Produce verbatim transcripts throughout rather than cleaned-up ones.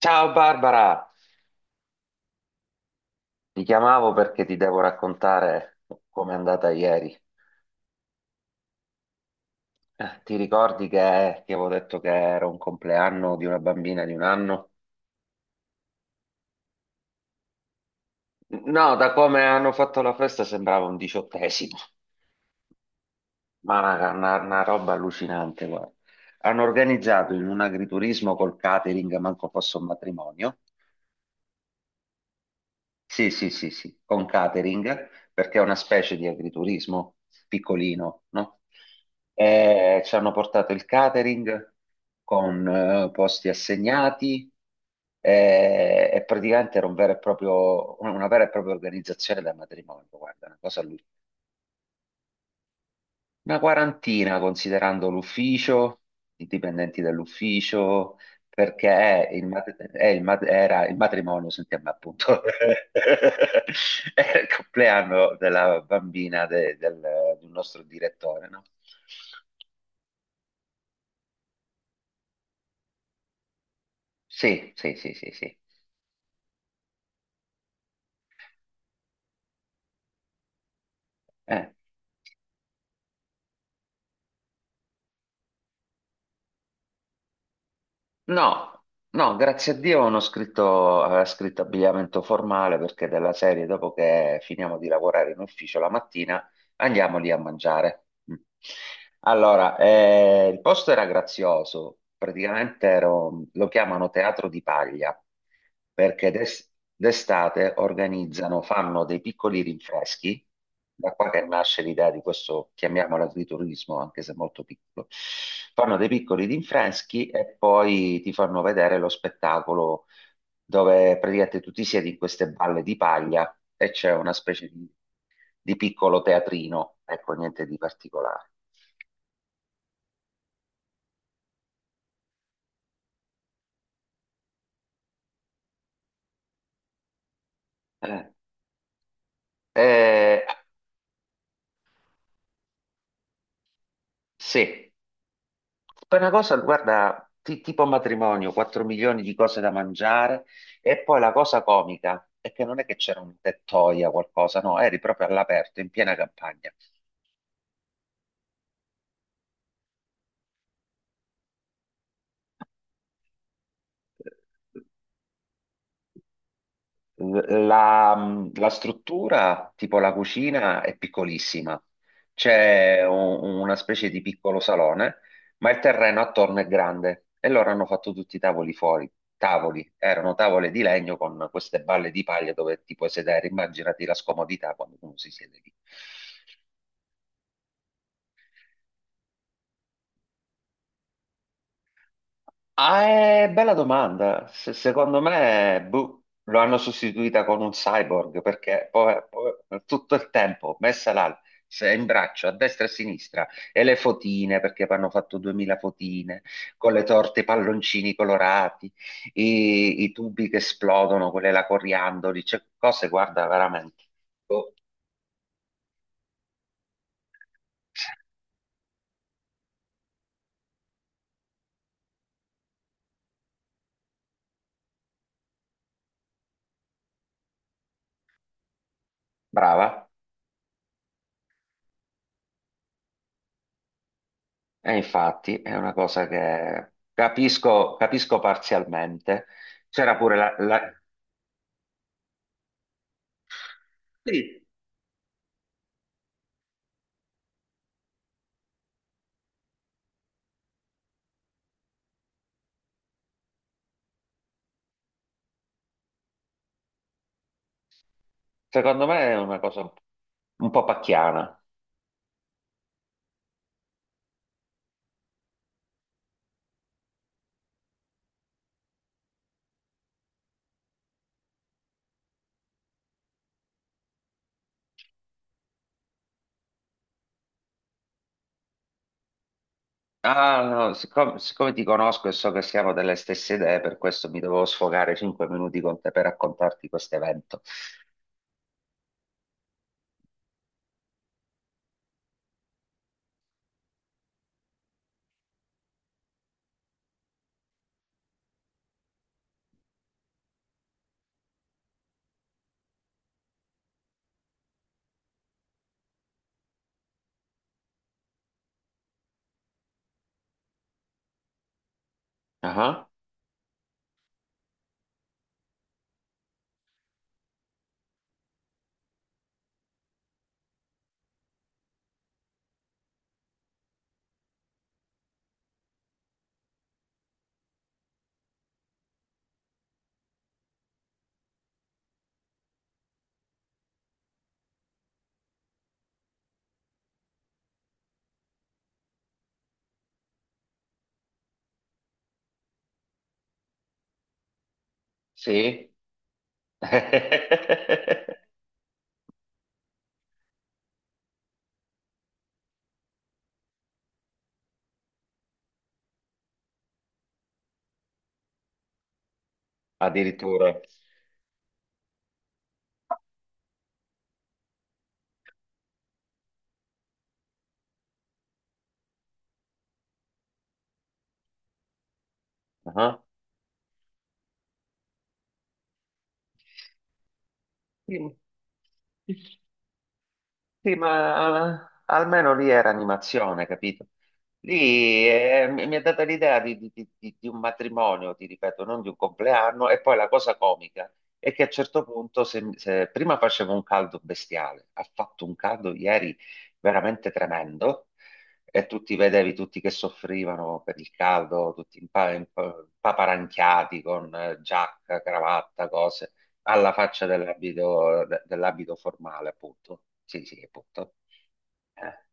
Ciao Barbara, ti chiamavo perché ti devo raccontare com'è andata ieri. Eh, Ti ricordi che ti avevo detto che era un compleanno di una bambina di un anno? No, da come hanno fatto la festa sembrava un diciottesimo, ma una, una- una roba allucinante, guarda. Hanno organizzato in un agriturismo col catering, manco fosse un matrimonio. Sì, sì, sì, sì, con catering, perché è una specie di agriturismo piccolino, no? E ci hanno portato il catering con eh, posti assegnati, e, e praticamente era un vero e proprio, una vera e propria organizzazione da matrimonio, guarda, una cosa allucinante. Una quarantina considerando l'ufficio, i dipendenti dell'ufficio, perché è il mat- è il mat- era il matrimonio, sentiamo appunto, era il compleanno della bambina de- del, del nostro direttore, no? Sì, sì, sì, sì, sì. Eh, No, no, grazie a Dio non ho scritto, aveva scritto abbigliamento formale perché della serie, dopo che finiamo di lavorare in ufficio la mattina, andiamo lì a mangiare. Mm. Allora, eh, il posto era grazioso, praticamente ero- lo chiamano Teatro di Paglia, perché d'es- d'estate organizzano, fanno dei piccoli rinfreschi, da qua che nasce l'idea di questo, chiamiamolo agriturismo, anche se molto piccolo. Fanno dei piccoli rinfreschi e poi ti fanno vedere lo spettacolo dove praticamente tu ti siedi in queste balle di paglia e c'è una specie di di piccolo teatrino, ecco, niente di particolare. Eh, eh, sì, poi una cosa, guarda, ti- tipo matrimonio, quattro milioni di cose da mangiare e poi la cosa comica è che non è che c'era un tettoia o qualcosa, no, eri proprio all'aperto, in piena campagna. L- La, la struttura, tipo la cucina, è piccolissima. C'è un- una specie di piccolo salone, ma il terreno attorno è grande e loro hanno fatto tutti i tavoli fuori. Tavoli, erano tavole di legno con queste balle di paglia dove ti puoi sedere. Immaginati la scomodità quando uno si siede lì. Ah, è bella domanda. Se- secondo me, boh, lo hanno sostituita con un cyborg perché poi, poi tutto il tempo messa là, se- in braccio a destra e a sinistra e le fotine perché hanno fatto duemila fotine con le torte, i palloncini colorati, i, i tubi che esplodono, quelle la coriandoli, cioè cose, guarda, veramente. Boh. Brava. E infatti è una cosa che capisco, capisco parzialmente. C'era pure la, la- Sì, secondo me è una cosa un po' pacchiana. Ah, no, siccome, siccome ti conosco e so che siamo delle stesse idee, per questo mi dovevo sfogare cinque minuti con te per raccontarti questo evento. Ah. Sì? Addirittura. Ah. Sì. Sì, ma eh, almeno lì era animazione, capito? Lì eh, mi mi è data l'idea di, di- di- di- di un matrimonio, ti ripeto, non di un compleanno. E poi la cosa comica è che a un certo punto, se, se prima faceva un caldo bestiale, ha fatto un caldo ieri veramente tremendo, e tutti vedevi tutti che soffrivano per il caldo, tutti impa- impa- paparanchiati con eh, giacca, cravatta, cose alla faccia dell'abito de- dell'abito formale, appunto. Sì, sì, appunto. Eh,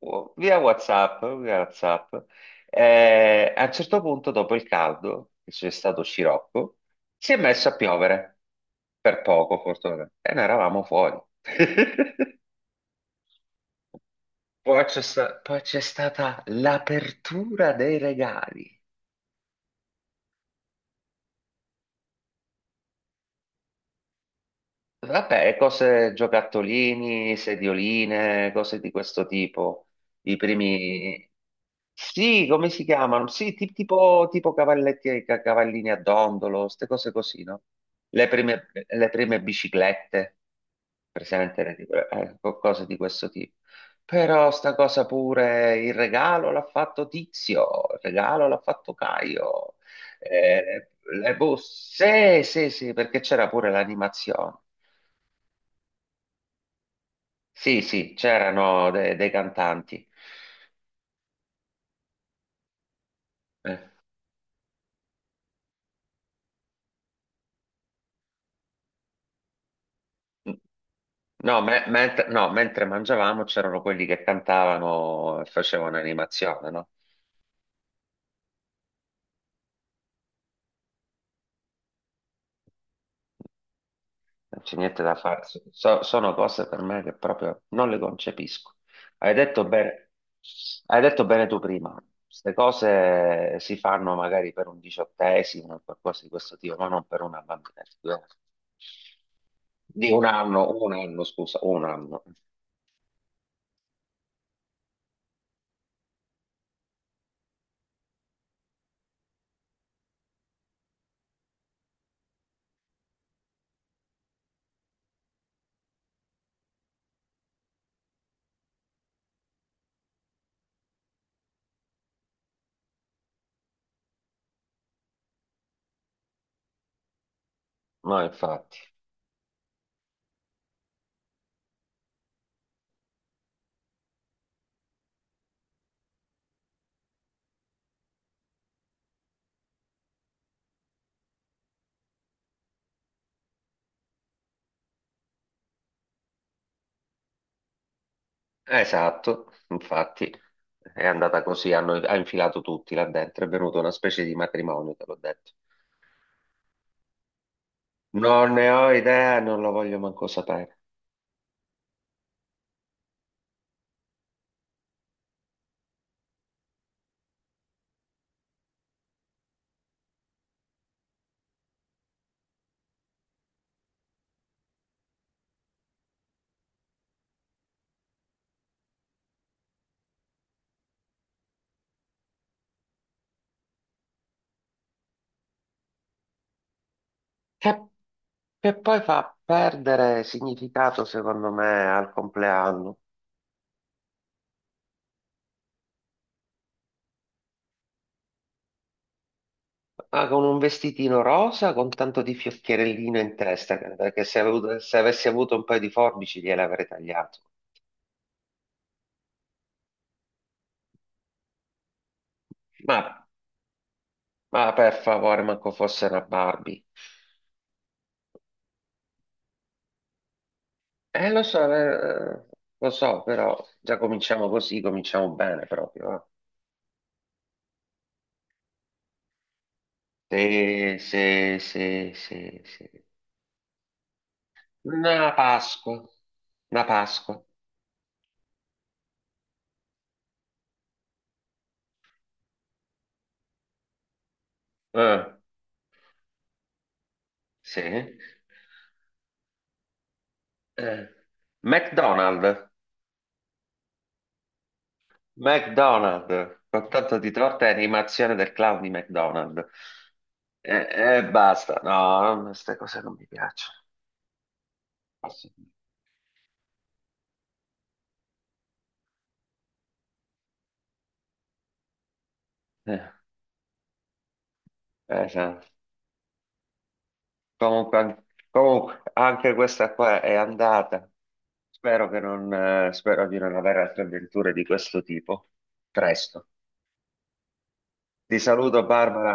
oh, via WhatsApp, via WhatsApp. Eh, a un certo punto, dopo il caldo, che c'è stato scirocco, si è messo a piovere. Per poco, fortunatamente. E noi eravamo fuori. Poi c'è sta- poi c'è stata l'apertura dei regali. Vabbè, cose giocattolini, sedioline, cose di questo tipo. I primi... Sì, come si chiamano? Sì, ti- tipo, tipo, cavalletti, ca- cavallini a dondolo, queste cose così, no? Le prime, le prime biciclette, presente, le- eh, co- cose di questo tipo. Però sta cosa pure, il regalo l'ha fatto Tizio, il regalo l'ha fatto Caio. Eh, le buste, sì, sì, sì, perché c'era pure l'animazione. Sì, sì, c'erano de- dei cantanti. Eh, No, me- mentre, no, mentre mangiavamo c'erano quelli che cantavano e facevano animazione, no? Non c'è niente da fare. So- so, sono cose per me che proprio non le concepisco. Hai detto bene, hai detto bene tu prima. Queste cose si fanno magari per un diciottesimo o qualcosa di questo tipo, ma non per una bambina. Di un anno, un anno, scusa, un anno. No, infatti. Esatto, infatti è andata così, hanno, ha infilato tutti là dentro, è venuta una specie di matrimonio, te l'ho detto. Non ne ho idea, non lo voglio manco sapere. Che, che poi fa perdere significato, secondo me, al compleanno. Ah, con un vestitino rosa, con tanto di fiocchierellino in testa, perché se, avevo- se avessi avuto un paio di forbici gliele avrei tagliato. Ma, ma per favore, manco fosse una Barbie. Eh, lo so, eh, lo so, però già cominciamo così, cominciamo bene proprio. eh. Se, se, se, se, se. Una Pasqua, una Pasqua. Eh, sì. Eh. McDonald's, McDonald's, con tanto di torta e animazione del clown di McDonald's. E basta, no, queste cose non mi piacciono. Eh, esatto. Comunque, an- comunque, anche questa qua è andata. Spero che non, eh, spero di non avere altre avventure di questo tipo. Presto. Ti saluto, Barbara.